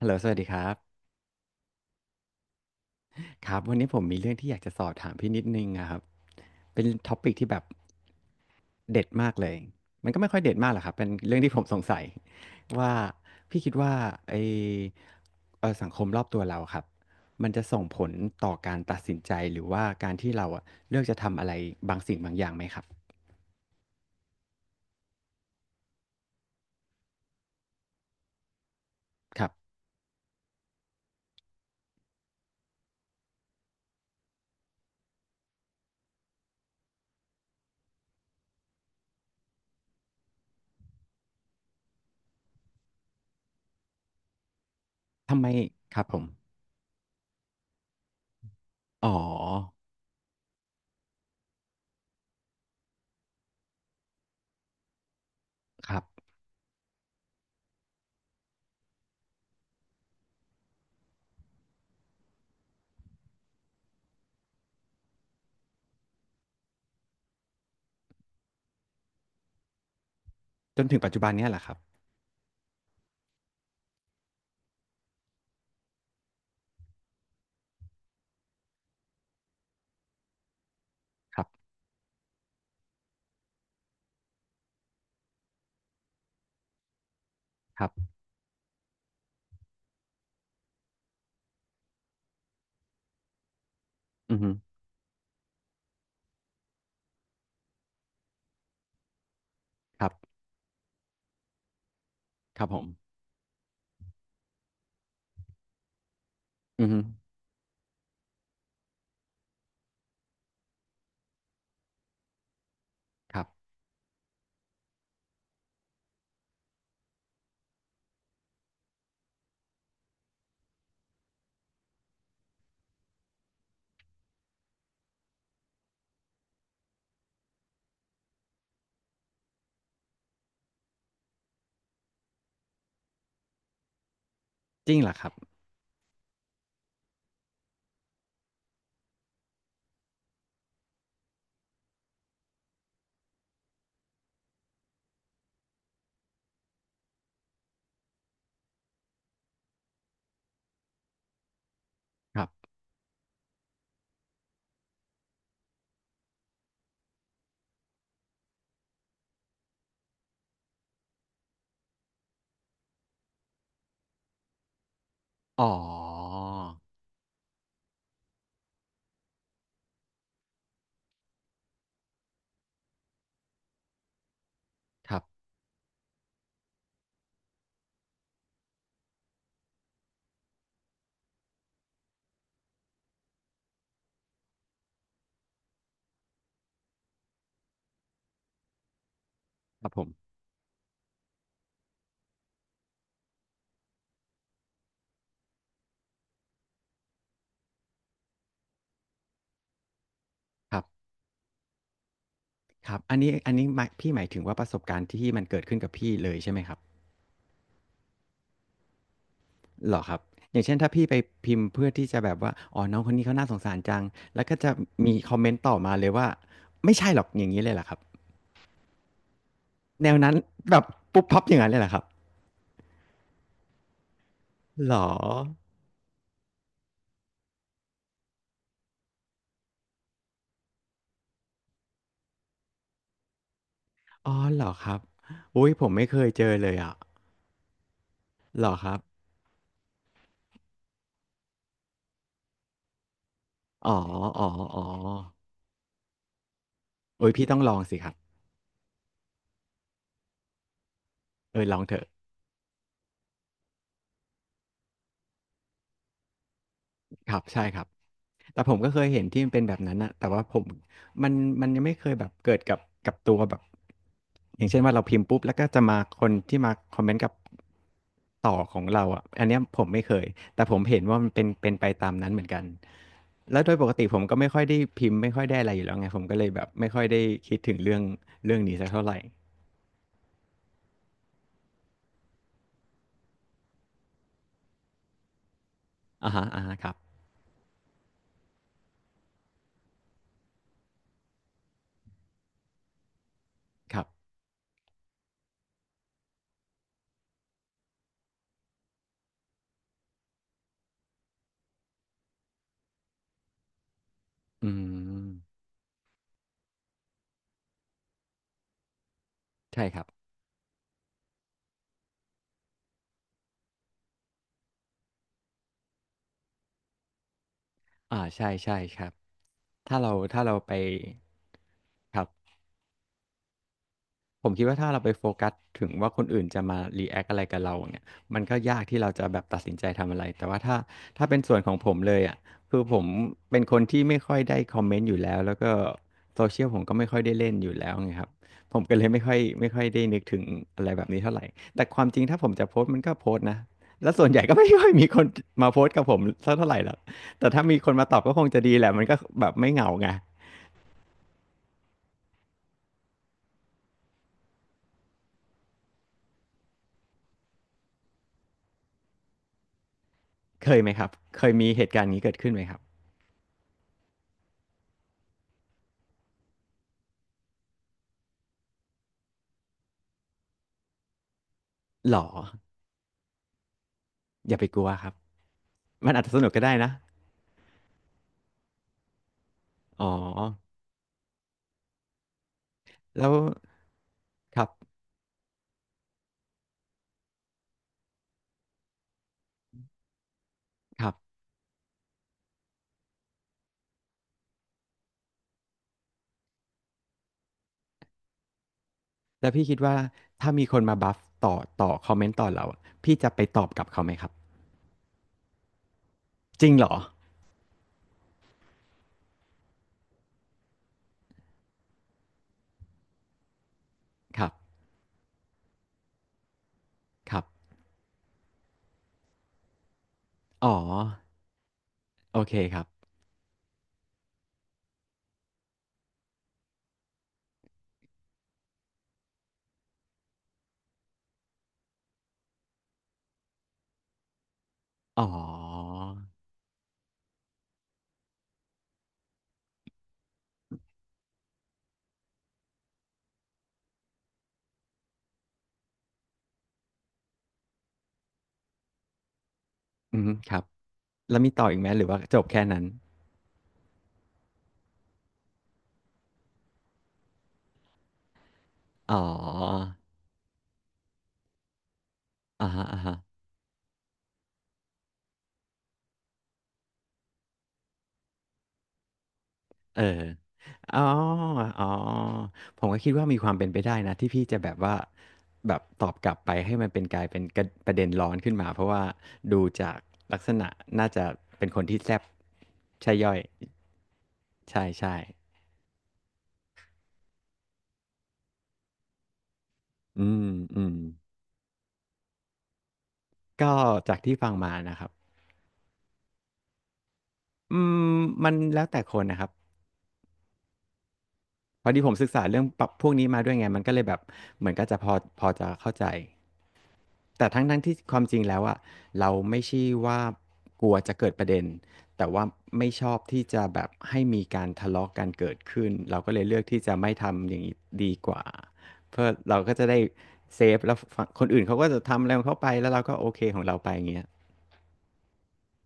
ฮัลโหลสวัสดีครับครับวันนี้ผมมีเรื่องที่อยากจะสอบถามพี่นิดนึงอะครับเป็นท็อปิกที่แบบเด็ดมากเลยมันก็ไม่ค่อยเด็ดมากหรอกครับเป็นเรื่องที่ผมสงสัยว่าพี่คิดว่าไอเอ่อสังคมรอบตัวเราครับมันจะส่งผลต่อการตัดสินใจหรือว่าการที่เราอะเลือกจะทำอะไรบางสิ่งบางอย่างไหมครับครับทำไมครับผมอ๋อครับจนถึงปัจจุบันเนี้ยแหละครับครับครับอือฮึครับครับผมอือฮึครับจริงเหรอครับ ครับ อ๋อครับครับผมครับ ครับ อันนี้ อันนี้หมายพี่หมายถึงว่าประสบการณ์ที่มันเกิดขึ้นกับพี่เลยใช่ไหมครับเหรอครับ อย่างเช่นถ้าพี่ไปพิมพ์เพื่อที่จะแบบว่าอ๋อน้องคนนี้เขาน่าสงสารจังแล้วก็จะมีคอมเมนต์ต่อมาเลยว่า ไม่ใช่หรอกอย่างนี้เลยเหรอครับ แนวนั้นแบบปุ๊บปั๊บอย่างนั้นเลยเหรอครับเหรออ๋อเหรอครับอุ้ยผมไม่เคยเจอเลยอ่ะเหรอครับอ๋ออ๋ออ๋อเอ้ยพี่ต้องลองสิครับเออลองเถอะ ครับใช่ครับแต่ผมก็เคยเห็นที่มันเป็นแบบนั้นนะแต่ว่าผมมันมันยังไม่เคยแบบเกิดกับกับตัวแบบอย่างเช่นว่าเราพิมพ์ปุ๊บแล้วก็จะมาคนที่มาคอมเมนต์กับต่อของเราอ่ะอันเนี้ยผมไม่เคยแต่ผมเห็นว่ามันเป็นไปตามนั้นเหมือนกันแล้วโดยปกติผมก็ไม่ค่อยได้พิมพ์ไม่ค่อยได้อะไรอยู่แล้วไงผมก็เลยแบบไม่ค่อยได้คิดถึงเรื่องเรื่องนี้สักเท่าไหร่อ่าฮะอ่าฮะครับครับอืมใช่ครับอ่าใช่ใช่ครับถ้าเราถ้าเราไปครับ ผมคิดว่าถ้าเราไปโฟกัสถึงว่าคนอื่นจะมารีแอคอะไรกับเราเนี่ยมันก็ยากที่เราจะแบบตัดสินใจทำอะไรแต่ว่าถ้าเป็นส่วนของผมเลยอ่ะคือผมเป็นคนที่ไม่ค่อยได้คอมเมนต์อยู่แล้วแล้วก็โซเชียลผมก็ไม่ค่อยได้เล่นอยู่แล้วไงครับผมก็เลยไม่ค่อยได้นึกถึงอะไรแบบนี้เท่าไหร่แต่ความจริงถ้าผมจะโพสต์มันก็โพสต์นะแล้วส่วนใหญ่ก็ไม่ค่อยมีคนมาโพสต์กับผมสักเท่าไหร่หรอกแต่ถ้ามีคนมาตอบก็คงจะดีแหละมันก็แบบไม่เหงาไงเคยไหมครับเคยมีเหตุการณ์นี้เกิดขึ้นไหมครับหรอ อย่าไปกลัวครับ มันอาจจะสนุกก็ได้นะ อ๋อ แล้วครับครับ แล้วพี่คิดว่าถ้ามีคนมาบัฟต่อต่อคอมเมนต์ต่อเราอะพี่จะไปตอบกลับเขาไหมครับ จริงเหรอครับครับ อ๋อ โอเคครับ อ๋ออืมครับ แล้วมีต่ออีกไหมหรือว่าจบแค่นั้น อ๋ออ่าฮะอ่าฮะ เอออ๋ออ๋อผมก็คิดว่ามีความเป็นไปได้นะที่พี่จะแบบว่าแบบตอบกลับไปให้มันเป็นกลายเป็นกระประเด็นร้อนขึ้นมาเพราะว่าดูจากลักษณะน่าจะเป็นคนที่แซ่บใช่ย่อยใช่ใช่อืมอืมก็จากที่ฟังมานะครับอืมมันแล้วแต่คนนะครับพอดีผมศึกษาเรื่องปรับพวกนี้มาด้วยไงมันก็เลยแบบเหมือนก็จะพอจะเข้าใจ แต่ทั้งที่ความจริงแล้วอะเราไม่ใช่ว่ากลัวจะเกิดประเด็นแต่ว่าไม่ชอบที่จะแบบให้มีการทะเลาะกันเกิดขึ้นเราก็เลยเลือกที่จะไม่ทำอย่างนี้ดีกว่าเพื่อเราก็จะได้เซฟแล้วฟคนอื่นเขาก็จะทำอะไรของเขาไปแล้วเราก็โอเคของเราไปอย่างเงี้ย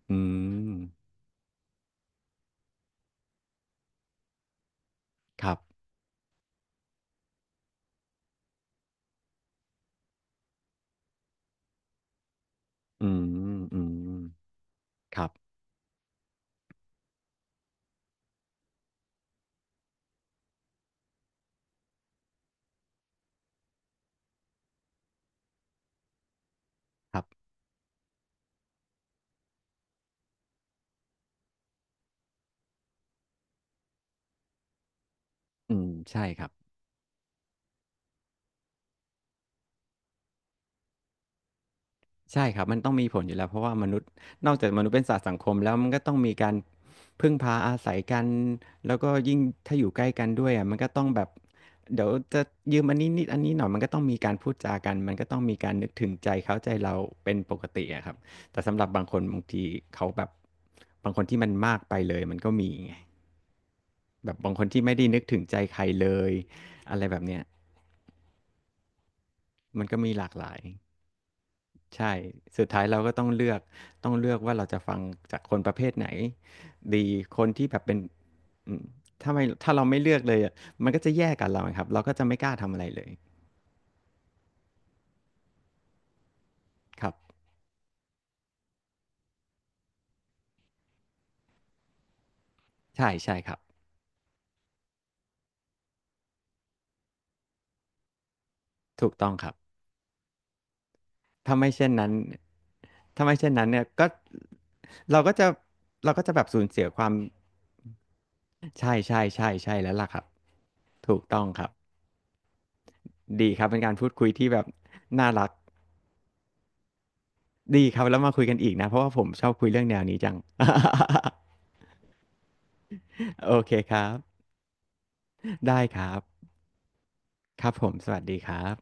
อืมครับอืมๆครับครับอืมใช่ครับ ใช่ครับมันต้องมีผลอยู่แล้วเพราะว่ามนุษย์นอกจากมนุษย์เป็นสัตว์สังคมแล้วมันก็ต้องมีการพึ่งพาอาศัยกันแล้วก็ยิ่งถ้าอยู่ใกล้กันด้วยอ่ะมันก็ต้องแบบเดี๋ยวจะยืมอันนี้นิดอันนี้หน่อยมันก็ต้องมีการพูดจากันมันก็ต้องมีการนึกถึงใจเขาใจเราเป็นปกติอะครับแต่สำหรับบางคนบางทีเขาแบบบางคนที่มันมากไปเลยมันก็มีไงแบบบางคนที่ไม่ได้นึกถึงใจใครเลยอะไรแบบเนี้ยมันก็มีหลากหลาย ใช่ สุดท้ายเราก็ต้องเลือกต้องเลือกว่าเราจะฟังจากคนประเภทไหนดีคนที่แบบเป็นอืมถ้าเราไม่เลือกเลยอะมันก็จะแย่กับเราครับเราก็จะไม่กล้าทำอะไรเลยครับใช่ใช่ครับถูกต้องครับถ้าไม่เช่นนั้นถ้าไม่เช่นนั้นเนี่ยก็เราก็จะเราก็จะแบบสูญเสียความใช่ใช่ใช่ใช่แล้วล่ะครับถูกต้องครับดีครับเป็นการพูดคุยที่แบบน่ารักดีครับแล้วมาคุยกันอีกนะเพราะว่าผมชอบคุยเรื่องแนวนี้จัง โอเคครับ ได้ครับ ครับผม สวัสดีครับ